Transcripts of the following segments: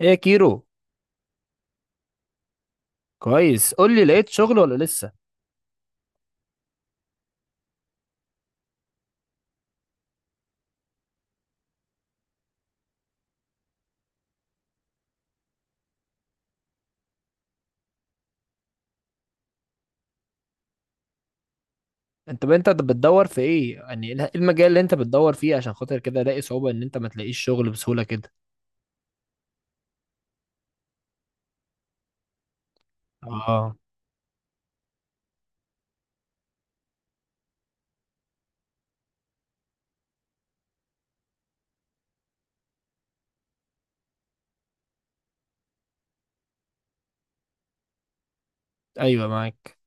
ايه يا كيرو؟ كويس، قول لي، لقيت شغل ولا لسه؟ انت بتدور في ايه؟ يعني ايه المجال اللي انت بتدور فيه عشان خاطر كده الاقي صعوبة ان انت ما تلاقيش شغل بسهولة كده؟ اه، ايوه معاك.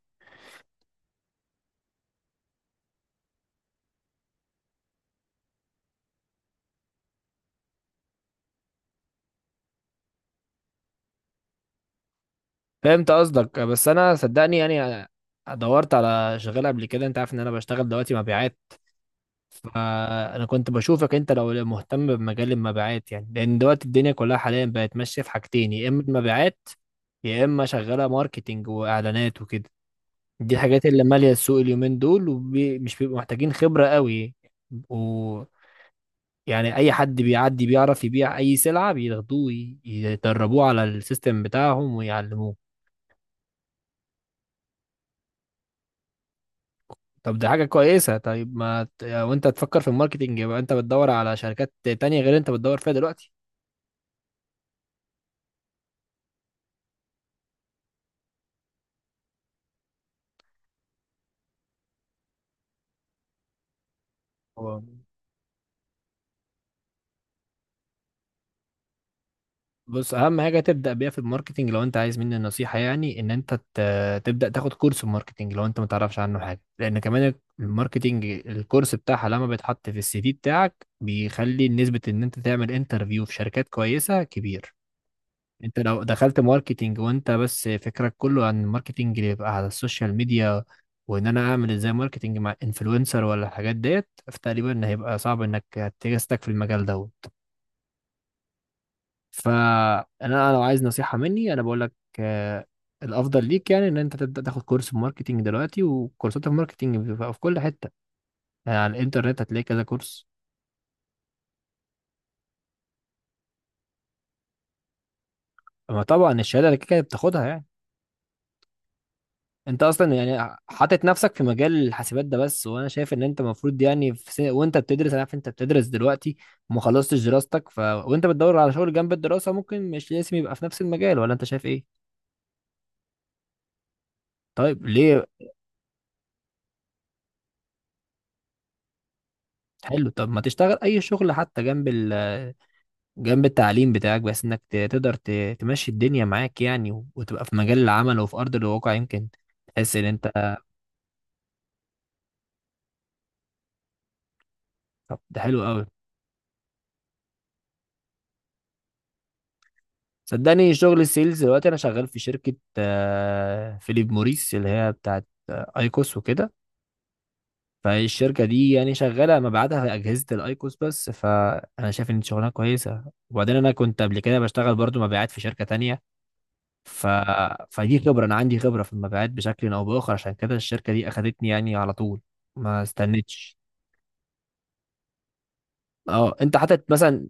فهمت قصدك، بس انا صدقني يعني دورت على شغال قبل كده، انت عارف ان انا بشتغل دلوقتي مبيعات. فانا كنت بشوفك انت لو مهتم بمجال المبيعات، يعني لان دلوقتي الدنيا كلها حاليا بقت ماشية في حاجتين، يا اما المبيعات يا اما شغالة ماركتينج واعلانات وكده. دي الحاجات اللي مالية السوق اليومين دول، ومش بيبقوا محتاجين خبرة قوي. و يعني اي حد بيعدي بيعرف يبيع اي سلعة بياخدوه يدربوه على السيستم بتاعهم ويعلموه. طب دي حاجة كويسة، طيب ما ت- وانت تفكر في الماركتينج يبقى انت بتدور على شركات تانية غير اللي انت بتدور فيها دلوقتي. هو بص، اهم حاجه تبدا بيها في الماركتنج لو انت عايز مني نصيحه، يعني ان انت تبدا تاخد كورس في الماركتنج لو انت ما تعرفش عنه حاجه، لان كمان الماركتنج الكورس بتاعها لما بيتحط في السي في بتاعك بيخلي نسبه ان انت تعمل انترفيو في شركات كويسه كبير. انت لو دخلت ماركتنج وانت بس فكرك كله عن الماركتنج اللي يبقى على السوشيال ميديا، وان انا اعمل ازاي ماركتنج مع انفلونسر ولا الحاجات ديت، فتقريبا هيبقى صعب انك تجستك في المجال دوت. فانا لو عايز نصيحه مني انا بقول لك، آه، الافضل ليك يعني ان انت تبدا تاخد كورس ماركتينج دلوقتي، وكورسات الماركتينج بتبقى في كل حته. يعني على الانترنت هتلاقي كذا كورس. اما طبعا الشهاده اللي كده كده بتاخدها يعني. انت اصلا يعني حاطط نفسك في مجال الحاسبات ده بس، وانا شايف ان انت المفروض يعني في سنة وانت بتدرس، انا عارف انت بتدرس دلوقتي وما خلصتش دراستك، وانت بتدور على شغل جنب الدراسه ممكن مش لازم يبقى في نفس المجال، ولا انت شايف ايه؟ طيب ليه؟ حلو، طب ما تشتغل اي شغل حتى جنب التعليم بتاعك، بس انك تقدر تمشي الدنيا معاك يعني، وتبقى في مجال العمل وفي ارض الواقع، يمكن تحس ان انت. طب ده حلو قوي. صدقني شغل السيلز دلوقتي انا شغال في شركة فيليب موريس اللي هي بتاعت ايكوس وكده. فالشركة دي يعني شغالة مبيعاتها في أجهزة الأيكوس بس، فأنا شايف إن شغلها كويسة. وبعدين أنا كنت قبل كده بشتغل برضو مبيعات في شركة تانية. ف... فدي خبرة، أنا عندي خبرة في المبيعات بشكل أو بآخر، عشان كده الشركة دي أخدتني يعني على طول، ما استنتش. اه، انت حاطط مثلا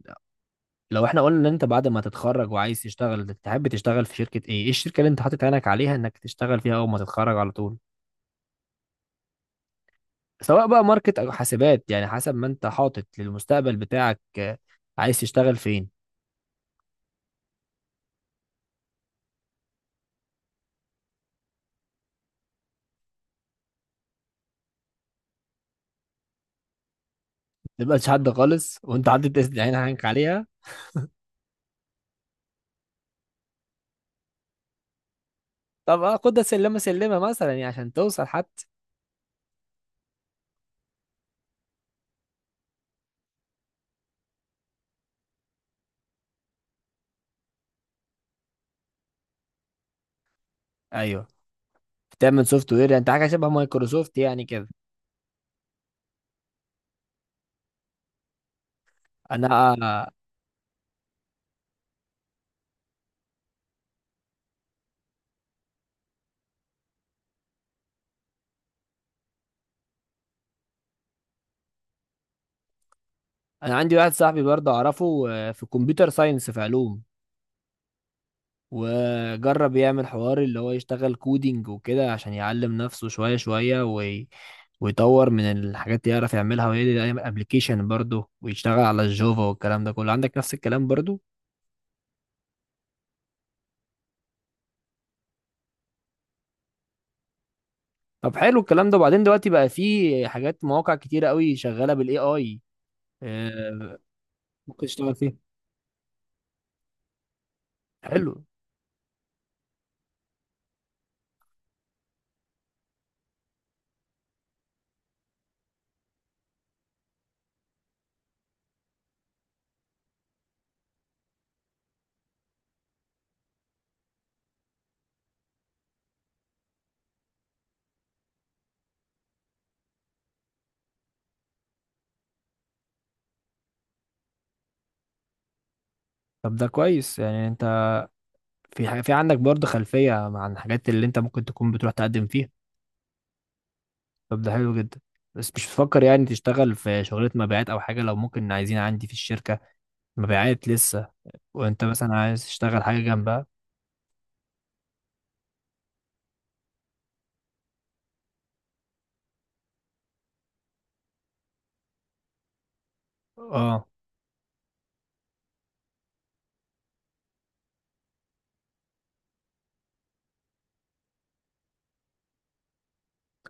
لو احنا قلنا ان انت بعد ما تتخرج وعايز تشتغل تحب تشتغل في شركة ايه؟ ايه الشركة اللي انت حاطط عينك عليها انك تشتغل فيها اول ما تتخرج على طول؟ سواء بقى ماركت او حاسبات، يعني حسب ما انت حاطط للمستقبل بتاعك، عايز تشتغل فين؟ متبقاش حد خالص وانت حاطط عينك عليها؟ طب خدها سلمة سلمة مثلا يعني عشان توصل حتى. ايوه، بتعمل سوفت وير انت حاجه شبه مايكروسوفت يعني كده؟ انا انا عندي واحد صاحبي برضه اعرفه في كمبيوتر ساينس، في علوم. وجرب يعمل حوار اللي هو يشتغل كودينج وكده عشان يعلم نفسه شويه شويه ويطور من الحاجات اللي يعرف يعملها، ويعمل ابلكيشن برضه ويشتغل على الجافا والكلام ده كله، عندك نفس الكلام برضه. طب حلو الكلام ده، وبعدين دلوقتي بقى في حاجات مواقع كتيره قوي شغاله بالاي اي، ممكن تشتغل فيها. حلو، طب ده كويس يعني انت في عندك برضه خلفية عن الحاجات اللي انت ممكن تكون بتروح تقدم فيها. طب ده حلو جدا. بس مش بتفكر يعني تشتغل في شغلة مبيعات او حاجة؟ لو ممكن، عايزين عندي في الشركة مبيعات لسه، وانت مثلا عايز تشتغل حاجة جنبها. اه،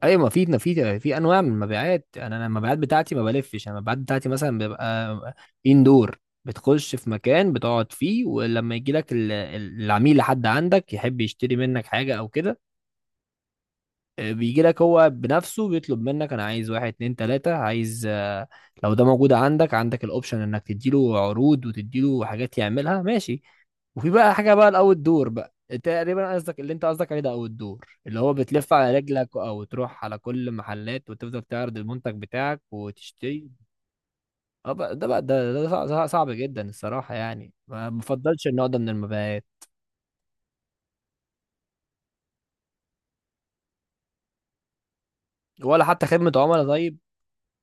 ايوه، ما في انواع من المبيعات، انا المبيعات بتاعتي ما بلفش، انا المبيعات بتاعتي مثلا بيبقى اندور. بتخش في مكان بتقعد فيه ولما يجي لك العميل لحد عندك يحب يشتري منك حاجة او كده. بيجي لك هو بنفسه بيطلب منك انا عايز واحد اتنين تلاتة عايز. لو ده موجود عندك، عندك الاوبشن انك تديله عروض وتديله حاجات يعملها ماشي. وفي بقى حاجة بقى الاوت دور بقى، تقريبا قصدك اللي انت قصدك عليه ده اوت دور اللي هو بتلف على رجلك او تروح على كل محلات وتفضل تعرض المنتج بتاعك وتشتري. اه، ده صعب جدا الصراحة، يعني ما بفضلش النوع ده من المبيعات. ولا حتى خدمة عملاء؟ طيب،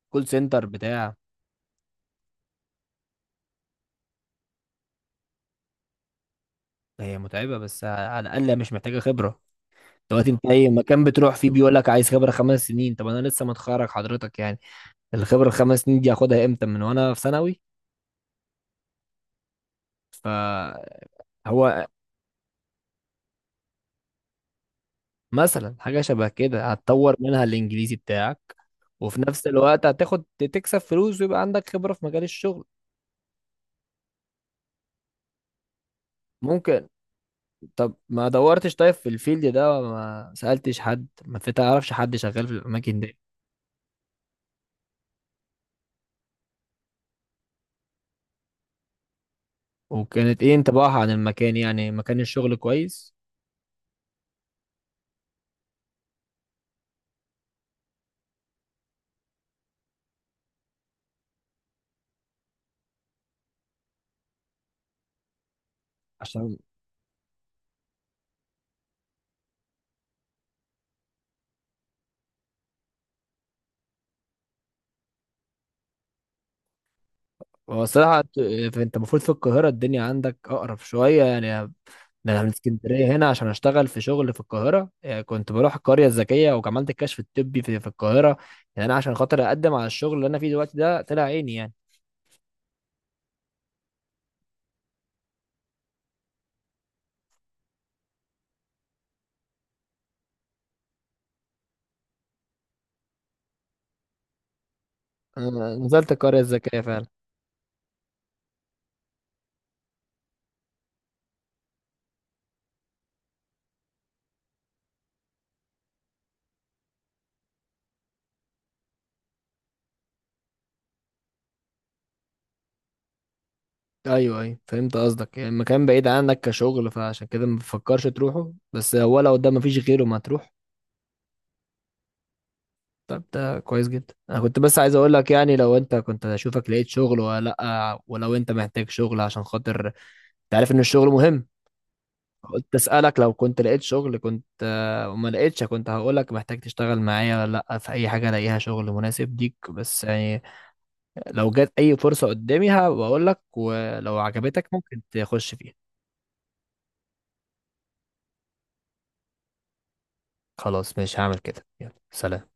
كول سنتر بتاع. هي متعبة بس على الأقل مش محتاجة خبرة. دلوقتي انت اي مكان بتروح فيه بيقول لك عايز خبره 5 سنين، طب انا لسه متخرج حضرتك يعني. الخبره ال5 سنين دي هاخدها امتى؟ من وانا في ثانوي؟ فهو مثلا حاجه شبه كده هتطور منها الانجليزي بتاعك، وفي نفس الوقت هتاخد تكسب فلوس ويبقى عندك خبره في مجال الشغل. ممكن. طب ما دورتش طيب في الفيلد ده؟ ما سالتش حد؟ ما تعرفش حد شغال في الاماكن دي؟ وكانت ايه انطباعها عن المكان؟ يعني مكان الشغل كويس؟ عشان هو الصراحة، انت المفروض في القاهرة الدنيا عندك أقرب شوية يعني. ده أنا من اسكندرية هنا عشان أشتغل في شغل في القاهرة، يعني كنت بروح القرية الذكية وعملت الكشف الطبي في القاهرة. يعني أنا عشان خاطر أقدم على الشغل اللي أنا فيه دلوقتي ده طلع عيني يعني. أنا نزلت القرية الذكية فعلا. أيوه، أيوه، فهمت قصدك، يعني المكان بعيد عنك كشغل فعشان كده ما بتفكرش تروحه، بس هو لو قدام مفيش غيره ما تروح. طب ده كويس جدا، انا كنت بس عايز اقول لك يعني لو انت كنت اشوفك لقيت شغل ولا لا، ولو انت محتاج شغل عشان خاطر انت عارف ان الشغل مهم. قلت اسالك لو كنت لقيت شغل كنت وما لقيتش كنت هقولك محتاج تشتغل معايا ولا لا، في اي حاجه الاقيها شغل مناسب ليك بس يعني، لو جت اي فرصه قدامي هبقول لك ولو عجبتك ممكن تخش فيها. خلاص، ماشي، هعمل كده، يلا سلام.